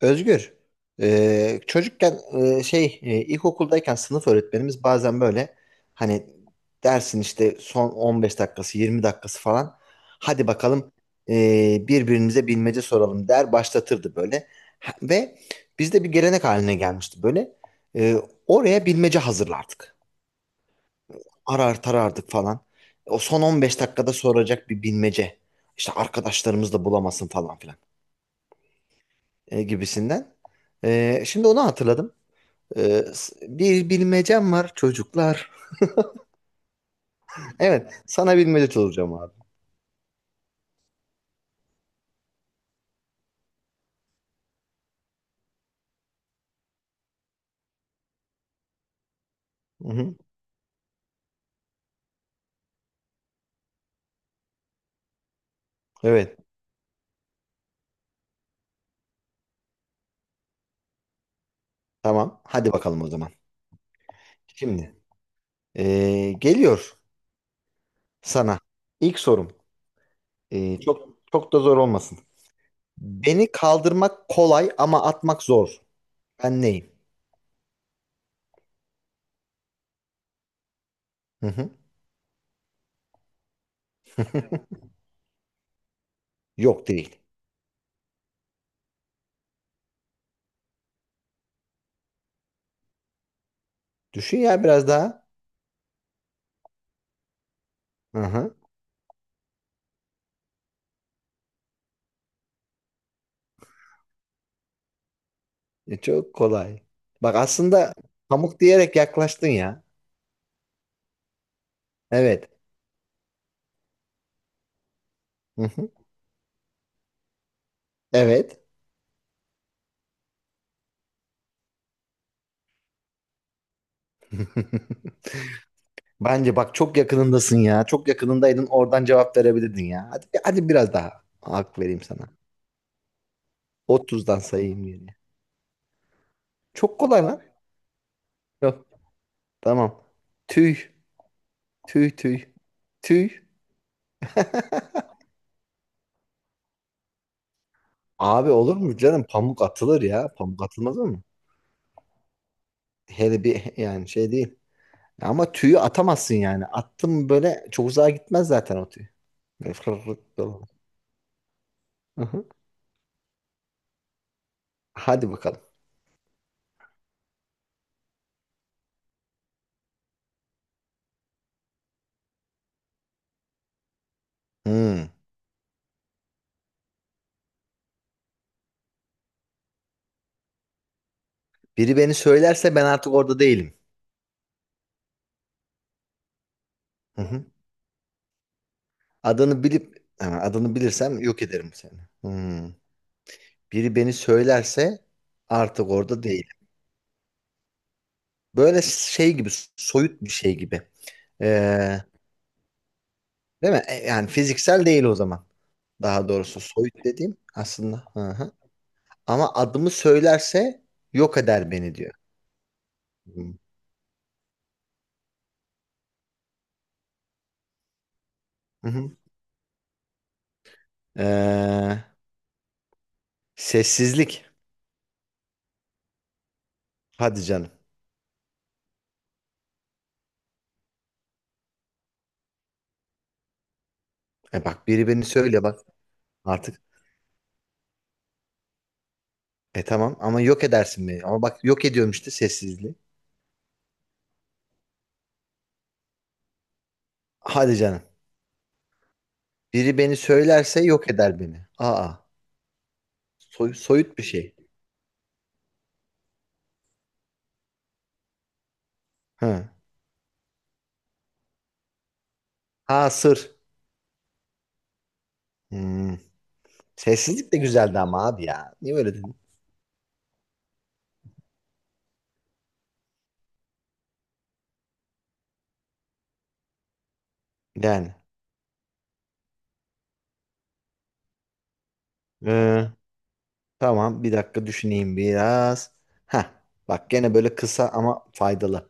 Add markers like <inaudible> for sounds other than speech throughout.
Özgür, çocukken ilkokuldayken sınıf öğretmenimiz bazen böyle hani dersin işte son 15 dakikası 20 dakikası falan hadi bakalım e, birbirimize bilmece soralım der başlatırdı böyle. Ve bizde bir gelenek haline gelmişti böyle. E, Oraya bilmece hazırlardık, arar tarardık falan, o son 15 dakikada soracak bir bilmece işte arkadaşlarımız da bulamasın falan filan gibisinden. Şimdi onu hatırladım. Ee, s- Bir bilmecem var çocuklar. Evet, sana bilmece soracağım abi. Hı-hı. Evet, tamam. Hadi bakalım o zaman. Şimdi geliyor sana. İlk sorum. Çok çok da zor olmasın. Beni kaldırmak kolay ama atmak zor. Ben neyim? Hı-hı. Yok değil. Düşün ya biraz daha. Hı-hı. E, çok kolay. Bak, aslında pamuk diyerek yaklaştın ya. Evet. Hı-hı. Evet. <laughs> Bence bak çok yakınındasın ya. Çok yakınındaydın, oradan cevap verebilirdin ya. Hadi, hadi biraz daha hak vereyim sana. 30'dan sayayım geriye. Çok kolay lan. Yok. Tamam. Tüy. Tüy tüy. Tüy. <laughs> Abi, olur mu canım? Pamuk atılır ya. Pamuk atılmaz mı? Hele bir yani şey değil. Ama tüyü atamazsın yani. Attım böyle, çok uzağa gitmez zaten o tüy. Böyle fırr fırr dolanır. Hı hı. Hadi bakalım. Hmm. Biri beni söylerse ben artık orada değilim. Hı hı. Adını bilip ha, adını bilirsem yok ederim seni. Hmm. Biri beni söylerse artık orada değilim. Böyle şey gibi, soyut bir şey gibi. Ee, değil mi? E, yani fiziksel değil o zaman. Daha doğrusu soyut dediğim aslında. Hı hı. Ama adımı söylerse yok eder beni diyor. Hmm. Hı hı. Ee, sessizlik. Hadi canım. E bak, biri beni söyle bak artık. E tamam, ama yok edersin beni. Ama bak, yok ediyorum işte sessizliği. Hadi canım. Biri beni söylerse yok eder beni. Aa, soyut bir şey. Ha, ha sır. Hmm. Sessizlik de güzeldi ama abi ya. Niye öyle dedin? Yani. ee, tamam, bir dakika düşüneyim biraz. Ha, bak gene böyle kısa ama faydalı.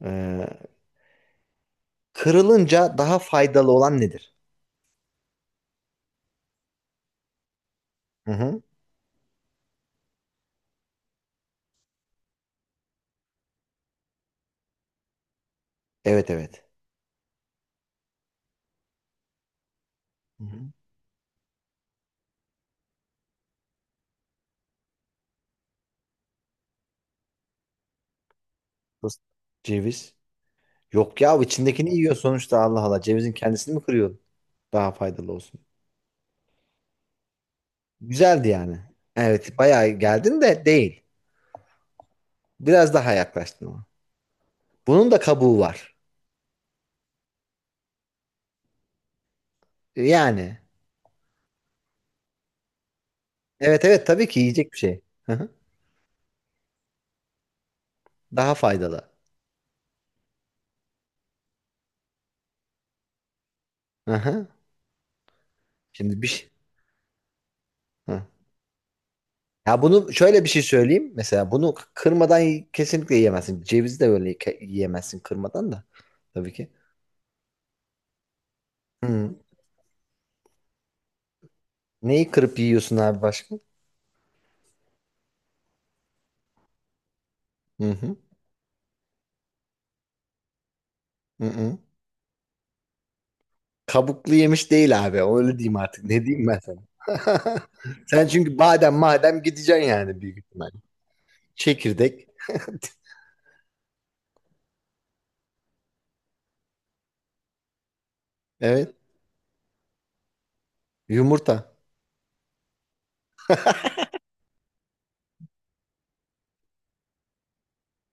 Ee, kırılınca daha faydalı olan nedir? Hı hı. Evet evet. Hı hı. Fıs- Ceviz. Yok ya, içindekini yiyor sonuçta, Allah Allah. Cevizin kendisini mi kırıyor? Daha faydalı olsun. Güzeldi yani. Evet, bayağı geldin de değil. Biraz daha yaklaştın ama. Bunun da kabuğu var. Yani. Evet evet, tabii ki yiyecek bir şey. Hı hı. Daha faydalı. Hı hı. Şimdi bir şey. Hı. Ya bunu şöyle bir şey söyleyeyim. Mesela bunu kırmadan kesinlikle yiyemezsin. Cevizi de böyle yiyemezsin kırmadan da. Tabii ki. Hı. Neyi kırıp yiyorsun abi başka? Hı hı. Hı hı. Kabuklu yemiş değil abi. Öyle diyeyim artık. Ne diyeyim ben sana? <laughs> Sen çünkü badem madem gideceksin yani büyük ihtimalle. Çekirdek. Evet. Yumurta.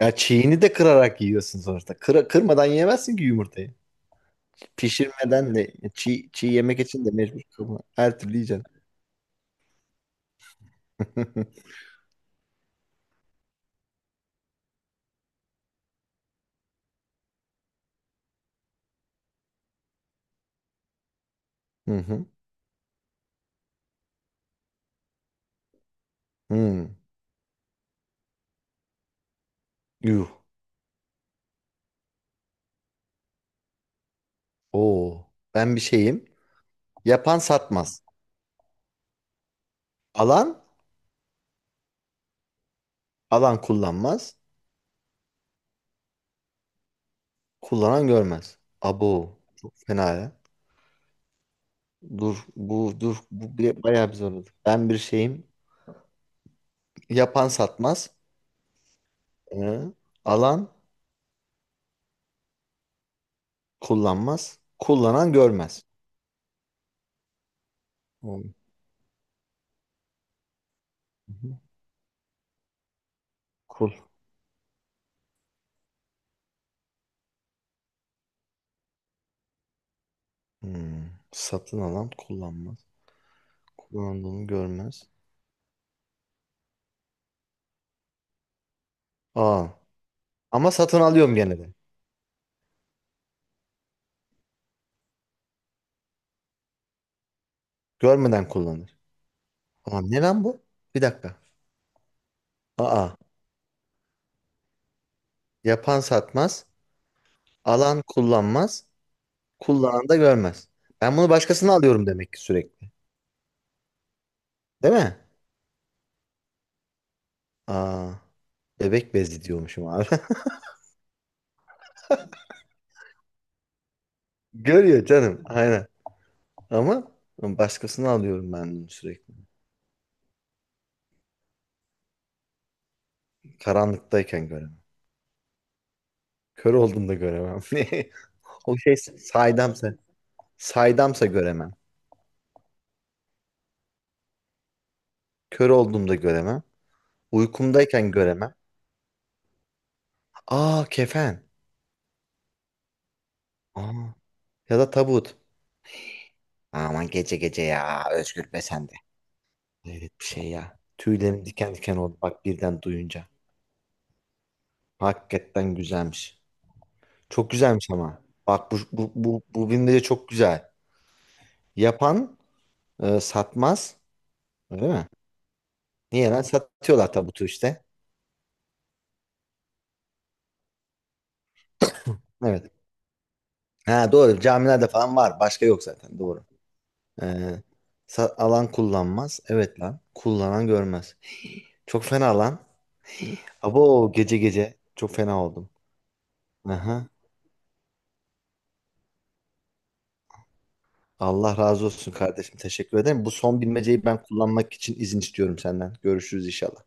Ya çiğini de kırarak yiyorsun sonuçta. Kırmadan yemezsin ki yumurtayı. Pişirmeden de çiğ, çiğ yemek için de mecbur kırma. Her türlü yiyeceksin. <laughs> Hı hı. Hı. Yuh. Oo. Ben bir şeyim. Yapan satmaz. Alan, alan kullanmaz. Kullanan görmez. Abo. Çok fena ya. Dur bu bayağı bir zorladı. Ben bir şeyim. Yapan satmaz. Ee, alan kullanmaz. Kullanan görmez. Hı hı. Kul. Hmm. Satın alan kullanmaz. Kullandığını görmez. Aa. Ama satın alıyorum gene de. Görmeden kullanır. Aa, ne lan bu? Bir dakika. Aa. Yapan satmaz. Alan kullanmaz. Kullanan da görmez. Ben bunu başkasına alıyorum demek ki sürekli. Değil mi? Aa. Bebek bezi diyormuşum abi. <laughs> Görüyor canım. Aynen. Ama başkasını alıyorum ben sürekli. Karanlıktayken göremem. Kör olduğumda göremem. <laughs> O şey saydamsa, saydamsa göremem. Kör olduğumda göremem. Uykumdayken göremem. Aa, kefen. Aa, ya da tabut. Aman gece gece ya Özgür, be sen de. Evet bir şey ya. Tüylerim diken diken oldu bak birden duyunca. Hakikaten güzelmiş. Çok güzelmiş ama. Bak bu bilmece çok güzel. Yapan satmaz. Öyle mi? Niye lan? Satıyorlar tabutu işte. Evet. Ha doğru. Camilerde falan var. Başka yok zaten. Doğru. Ee, alan kullanmaz. Evet lan. Kullanan görmez. Çok fena lan. Abo gece gece. Çok fena oldum. Aha. Allah razı olsun kardeşim. Teşekkür ederim. Bu son bilmeceyi ben kullanmak için izin istiyorum senden. Görüşürüz inşallah.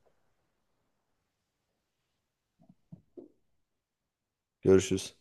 Görüşürüz.